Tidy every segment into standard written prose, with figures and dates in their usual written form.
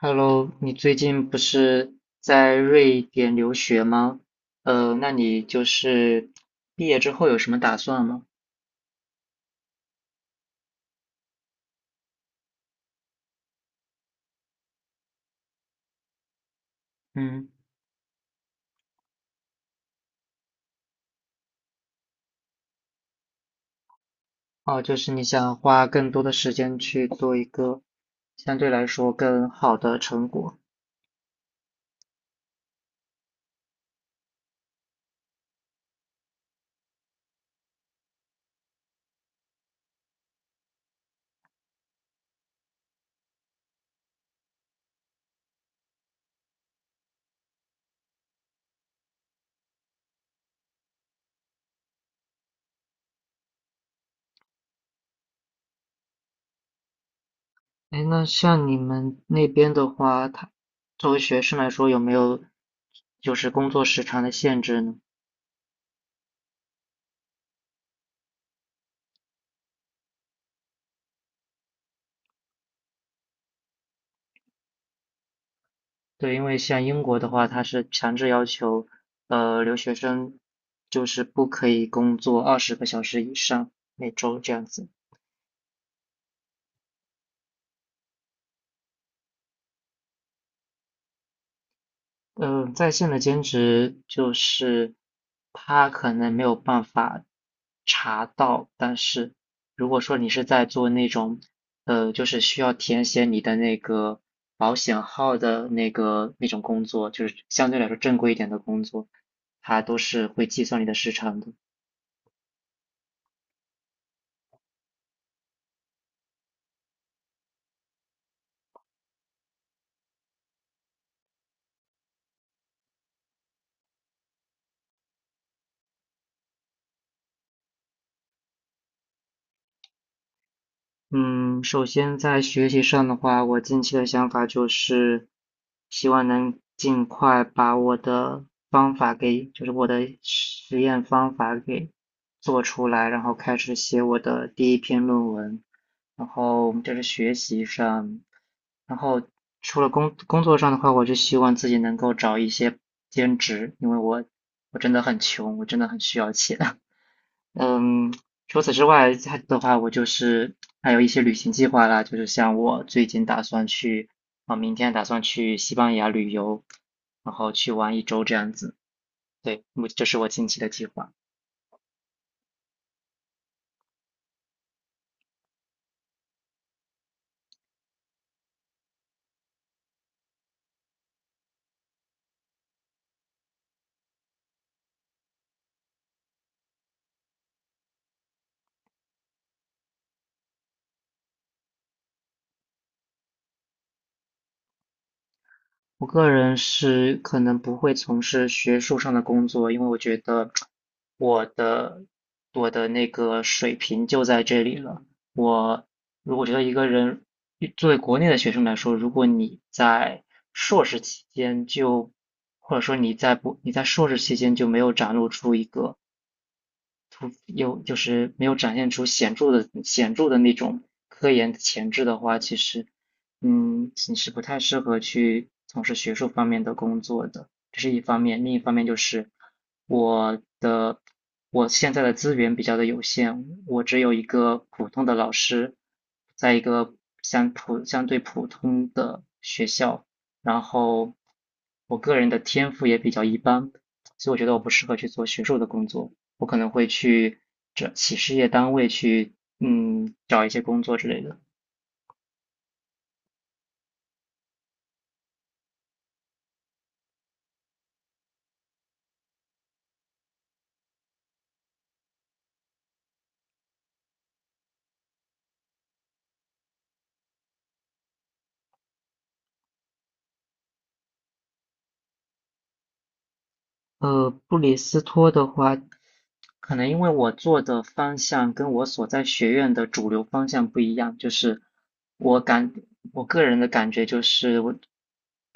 Hello,你最近不是在瑞典留学吗？那你就是毕业之后有什么打算吗？嗯。哦，就是你想花更多的时间去做一个相对来说更好的成果。哎，那像你们那边的话，他作为学生来说有没有就是工作时长的限制呢？对，因为像英国的话，它是强制要求，留学生就是不可以工作20个小时以上每周这样子。在线的兼职就是他可能没有办法查到，但是如果说你是在做那种，就是需要填写你的那个保险号的那个那种工作，就是相对来说正规一点的工作，它都是会计算你的时长的。嗯，首先在学习上的话，我近期的想法就是，希望能尽快把我的方法给，就是我的实验方法给做出来，然后开始写我的第1篇论文。然后就是学习上，然后除了工作上的话，我就希望自己能够找一些兼职，因为我真的很穷，我真的很需要钱。嗯，除此之外，它的话，我就是还有一些旅行计划啦，就是像我最近打算去，啊、明天打算去西班牙旅游，然后去玩1周这样子。对，我这是我近期的计划。我个人是可能不会从事学术上的工作，因为我觉得我的我的那个水平就在这里了。我如果觉得一个人作为国内的学生来说，如果你在硕士期间就或者说你在不你在硕士期间就没有展露出一个突有就是没有展现出显著的那种科研的潜质的话，其实，嗯，你是不太适合去从事学术方面的工作的，这是一方面。另一方面就是我的我现在的资源比较的有限，我只有一个普通的老师，在一个相对普通的学校，然后我个人的天赋也比较一般，所以我觉得我不适合去做学术的工作。我可能会去这企事业单位去，嗯，找一些工作之类的。布里斯托的话，可能因为我做的方向跟我所在学院的主流方向不一样，就是我感我个人的感觉就是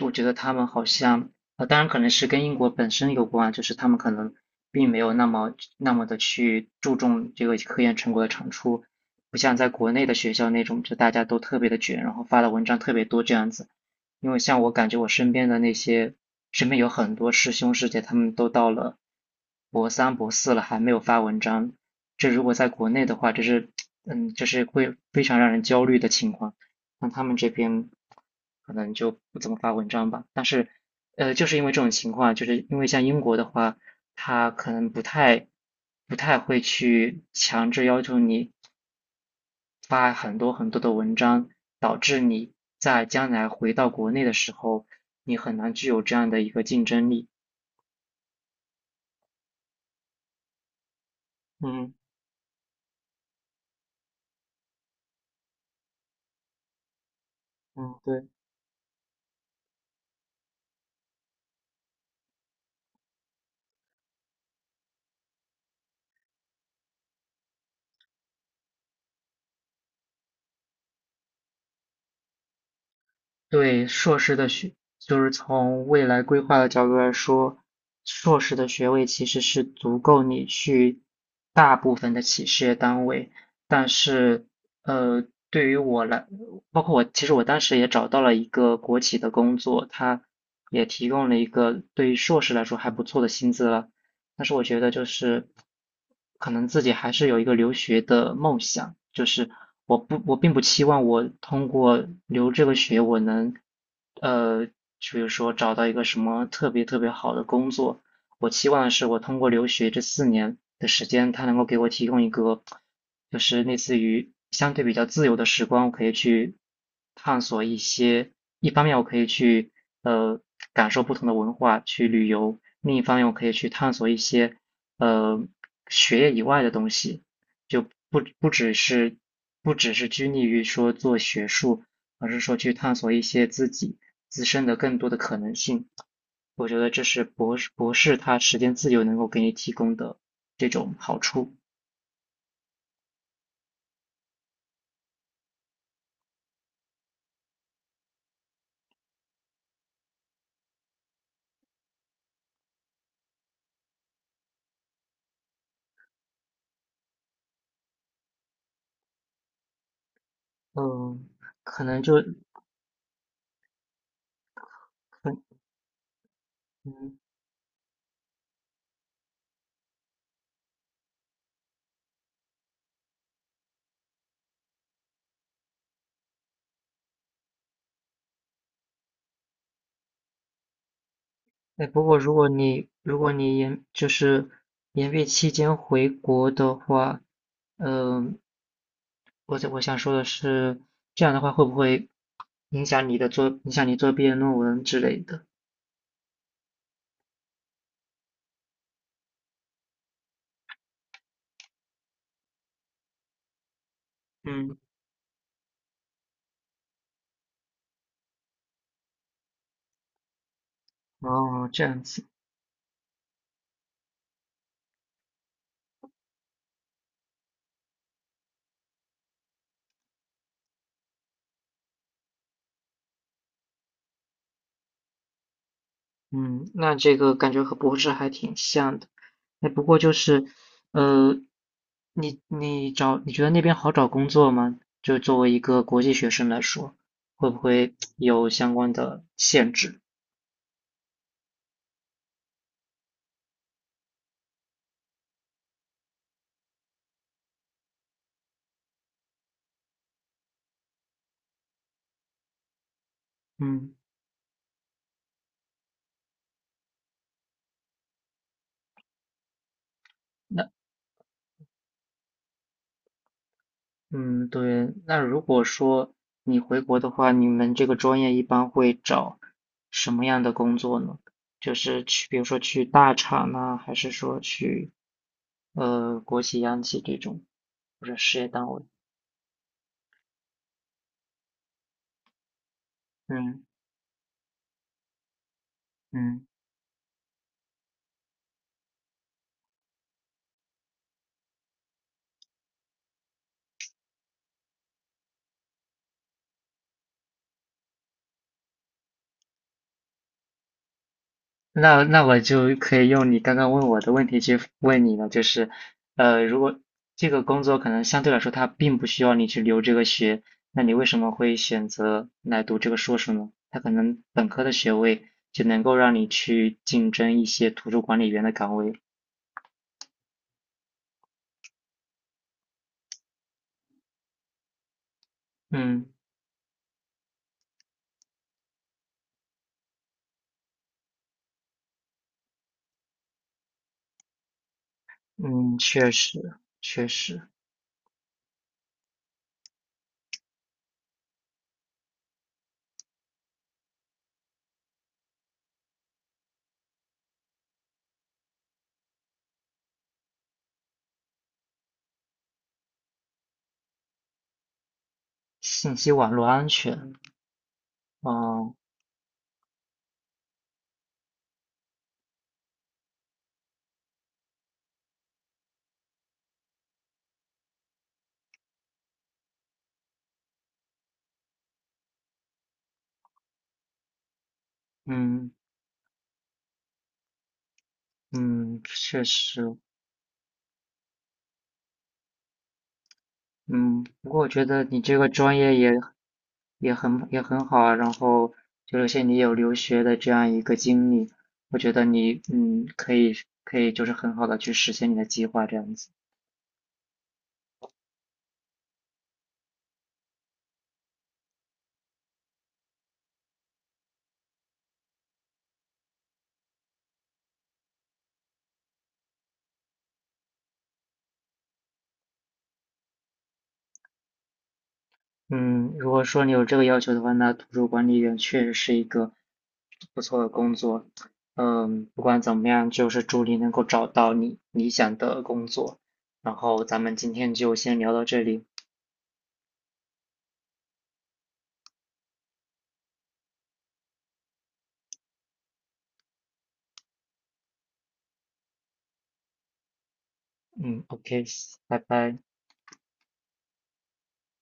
我觉得他们好像当然可能是跟英国本身有关，就是他们可能并没有那么的去注重这个科研成果的产出，不像在国内的学校那种，就大家都特别的卷，然后发的文章特别多这样子。因为像我感觉我身边的那些，身边有很多师兄师姐，他们都到了博三、博四了，还没有发文章。这如果在国内的话，这是，嗯，这是会非常让人焦虑的情况。那他们这边可能就不怎么发文章吧。但是，就是因为这种情况，就是因为像英国的话，他可能不太会去强制要求你发很多的文章，导致你在将来回到国内的时候，你很难具有这样的一个竞争力。嗯。嗯，对，对硕士的学，就是从未来规划的角度来说，硕士的学位其实是足够你去大部分的企事业单位，但是，呃，对于我来，包括我，其实我当时也找到了一个国企的工作，它也提供了一个对于硕士来说还不错的薪资了。但是我觉得就是可能自己还是有一个留学的梦想，就是我并不期望我通过留这个学我能呃，比如说找到一个什么特别好的工作，我期望的是，我通过留学这4年的时间，它能够给我提供一个，就是类似于相对比较自由的时光，我可以去探索一些。一方面，我可以去呃感受不同的文化，去旅游；另一方面，我可以去探索一些呃学业以外的东西，就不只是拘泥于说做学术，而是说去探索一些自己自身的更多的可能性。我觉得这是博士他时间自由能够给你提供的这种好处。嗯，可能就可。嗯，哎，不过如果你研就是研毕期间回国的话，嗯，我想说的是，这样的话会不会影响你做毕业论文之类的？嗯，哦，这样子。嗯，那这个感觉和博士还挺像的。哎，不过就是，呃，你觉得那边好找工作吗？就作为一个国际学生来说，会不会有相关的限制？嗯，那。嗯，对，那如果说你回国的话，你们这个专业一般会找什么样的工作呢？就是去，比如说去大厂呢，还是说去国企、央企这种，或者事业单位？嗯。嗯，那那我就可以用你刚刚问我的问题去问你了，就是，如果这个工作可能相对来说它并不需要你去留这个学，那你为什么会选择来读这个硕士呢？它可能本科的学位就能够让你去竞争一些图书管理员的岗位。嗯。嗯，确实，确实。信息网络安全。哦。嗯。嗯，确实。嗯，不过我觉得你这个专业也也很好啊，然后就是像你有留学的这样一个经历，我觉得你嗯可以就是很好的去实现你的计划这样子。嗯，如果说你有这个要求的话，那图书管理员确实是一个不错的工作。嗯，不管怎么样，就是祝你能够找到你理想的工作。然后咱们今天就先聊到这里。嗯，OK,拜拜。